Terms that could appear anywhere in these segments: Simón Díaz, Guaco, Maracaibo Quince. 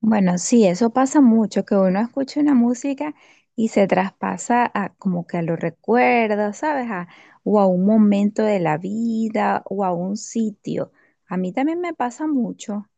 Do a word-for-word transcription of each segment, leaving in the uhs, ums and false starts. Bueno, sí, eso pasa mucho, que uno escucha una música y se traspasa a, como que a los recuerdos, ¿sabes? A- o a un momento de la vida o a un sitio. A mí también me pasa mucho.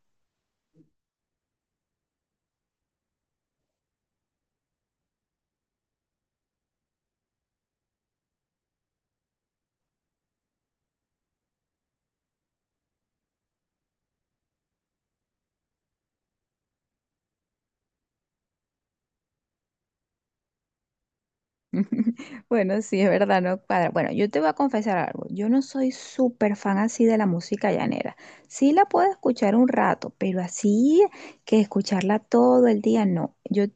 Bueno, sí, es verdad, no cuadra. Bueno, yo te voy a confesar algo. Yo no soy súper fan así de la música llanera. Sí la puedo escuchar un rato, pero así que escucharla todo el día, no. Yo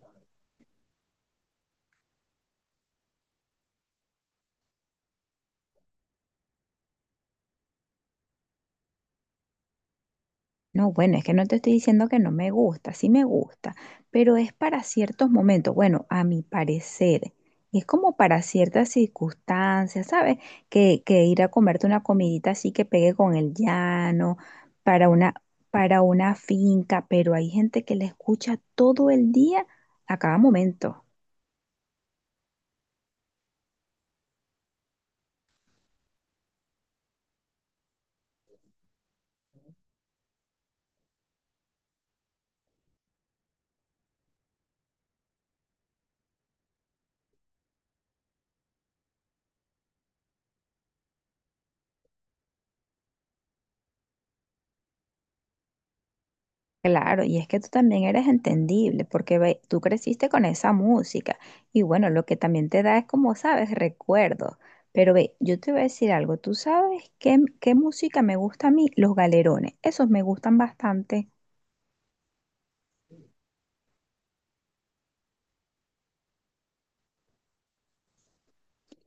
no, bueno, es que no te estoy diciendo que no me gusta, sí me gusta, pero es para ciertos momentos, bueno, a mi parecer, es como para ciertas circunstancias, ¿sabes? Que, que ir a comerte una comidita así que pegue con el llano, para una, para una finca, pero hay gente que la escucha todo el día a cada momento. Claro, y es que tú también eres entendible porque ve- tú creciste con esa música y bueno, lo que también te da es como sabes, recuerdos. Pero ve, yo te voy a decir algo, tú sabes qué, m- qué música me gusta a mí, los galerones, esos me gustan bastante.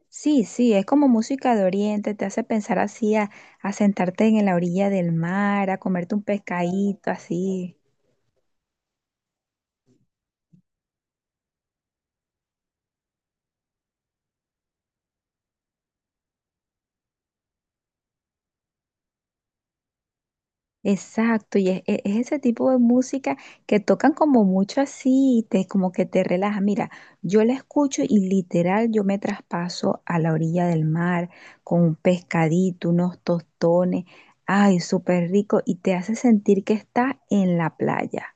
Sí, sí, es como música de oriente, te hace pensar así a, a sentarte en la orilla del mar, a comerte un pescadito así. Exacto, y es, e- es ese tipo de música que tocan como mucho así, te, como que te relaja. Mira, yo la escucho y literal yo me traspaso a la orilla del mar con un pescadito, unos tostones, ay, súper rico, y te hace sentir que estás en la playa.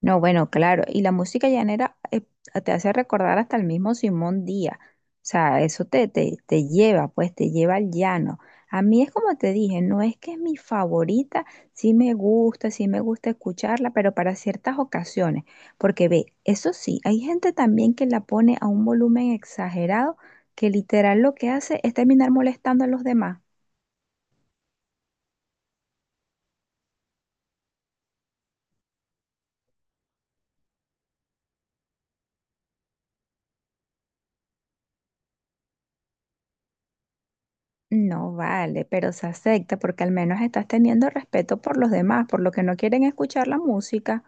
No, bueno, claro, y la música llanera eh, te hace recordar hasta el mismo Simón Díaz, o sea, eso te, te, te lleva, pues te lleva al llano. A mí es como te dije, no es que es mi favorita, sí me gusta, sí me gusta escucharla, pero para ciertas ocasiones, porque ve, eso sí, hay gente también que la pone a un volumen exagerado que literal lo que hace es terminar molestando a los demás. No vale, pero se acepta porque al menos estás teniendo respeto por los demás, por lo que no quieren escuchar la música.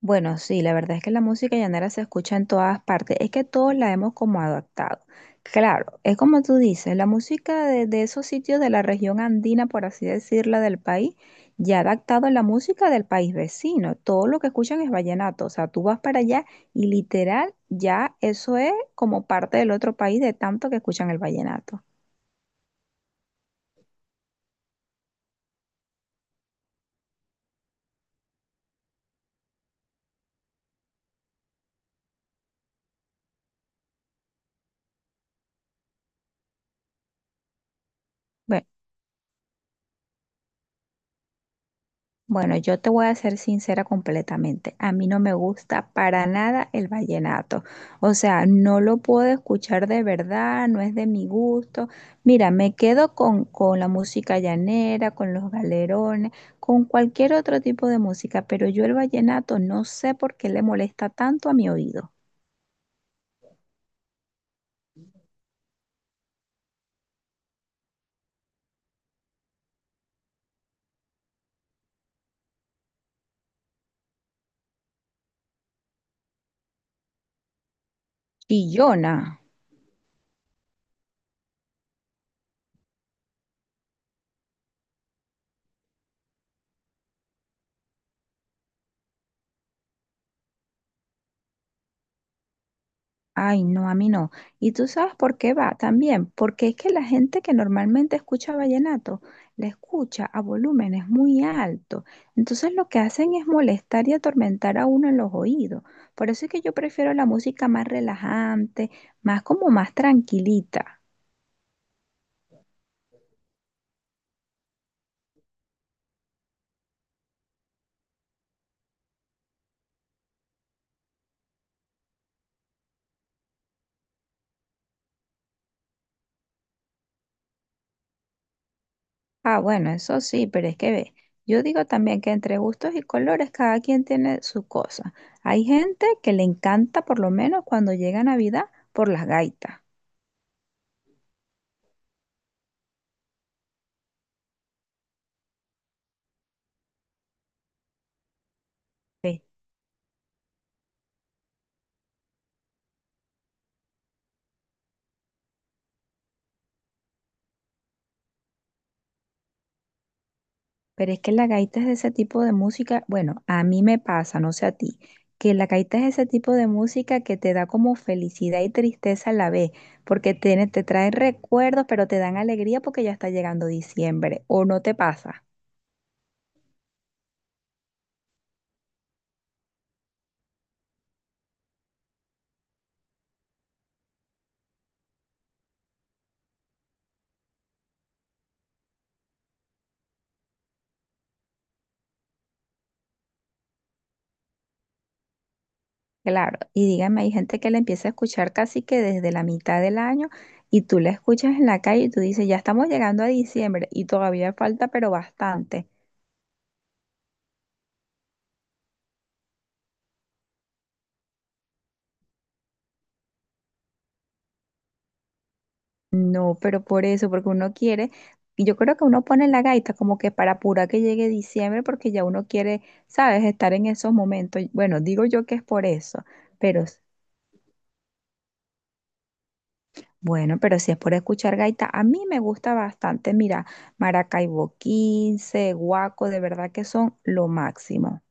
Bueno, sí, la verdad es que la música llanera se escucha en todas partes, es que todos la hemos como adaptado. Claro, es como tú dices, la música de, de esos sitios de la región andina, por así decirla, del país, ya ha adaptado a la música del país vecino. Todo lo que escuchan es vallenato, o sea, tú vas para allá y literal ya eso es como parte del otro país de tanto que escuchan el vallenato. Bueno, Bueno, yo te voy a ser sincera completamente. A mí no me gusta para nada el vallenato. O sea, no lo puedo escuchar de verdad, no es de mi gusto. Mira, me quedo con, con la música llanera, con los galerones, con cualquier otro tipo de música, pero yo el vallenato no sé por qué le molesta tanto a mi oído. Chillona. Ay, no, a mí no. ¿Y tú sabes por qué va también? Porque es que la gente que normalmente escucha vallenato la escucha a volúmenes muy altos. Entonces lo que hacen es molestar y atormentar a uno en los oídos. Por eso es que yo prefiero la música más relajante, más como más tranquilita. Ah, bueno, eso sí, pero es que ve, yo digo también que entre gustos y colores cada quien tiene su cosa. Hay gente que le encanta por lo menos cuando llega Navidad por las gaitas. Sí. Pero es que la gaita es de ese tipo de música, bueno, a mí me pasa, no sé a ti, que la gaita es ese tipo de música que te da como felicidad y tristeza a la vez, porque tiene, te trae recuerdos, pero te dan alegría porque ya está llegando diciembre, o no te pasa. Claro, y dígame, hay gente que la empieza a escuchar casi que desde la mitad del año y tú la escuchas en la calle y tú dices, ya estamos llegando a diciembre y todavía falta, pero bastante. No, pero por eso, porque uno quiere, y yo creo que uno pone la gaita como que para apurar que llegue diciembre, porque ya uno quiere, ¿sabes?, estar en esos momentos. Bueno, digo yo que es por eso, pero s- bueno, pero si es por escuchar gaita, a mí me gusta bastante, mira, Maracaibo Quince, Guaco, de verdad que son lo máximo.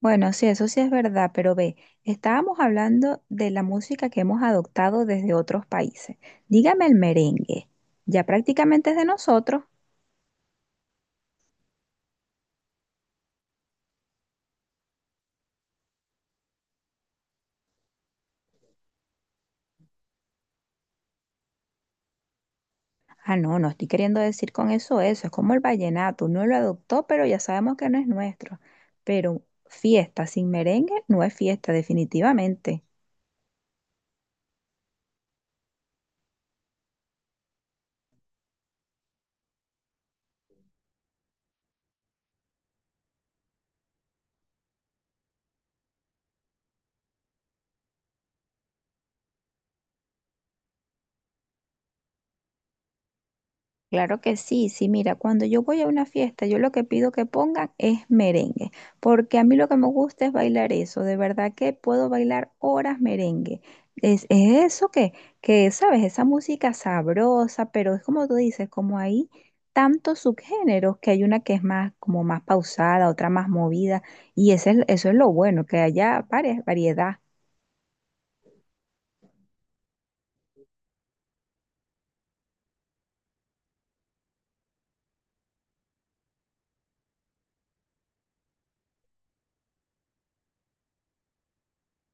Bueno, sí, eso sí es verdad, pero ve, estábamos hablando de la música que hemos adoptado desde otros países. Dígame el merengue, ya prácticamente es de nosotros. Ah, no, no estoy queriendo decir con eso eso, es como el vallenato, uno lo adoptó, pero ya sabemos que no es nuestro. Pero fiesta sin merengue no es fiesta, definitivamente. Claro que sí, sí, mira, cuando yo voy a una fiesta, yo lo que pido que pongan es merengue, porque a mí lo que me gusta es bailar eso, de verdad que puedo bailar horas merengue. Es, es eso que, que, sabes, esa música sabrosa, pero es como tú dices, como hay tantos subgéneros, que hay una que es más, como más pausada, otra más movida, y ese es- eso es lo bueno, que haya varias, variedad.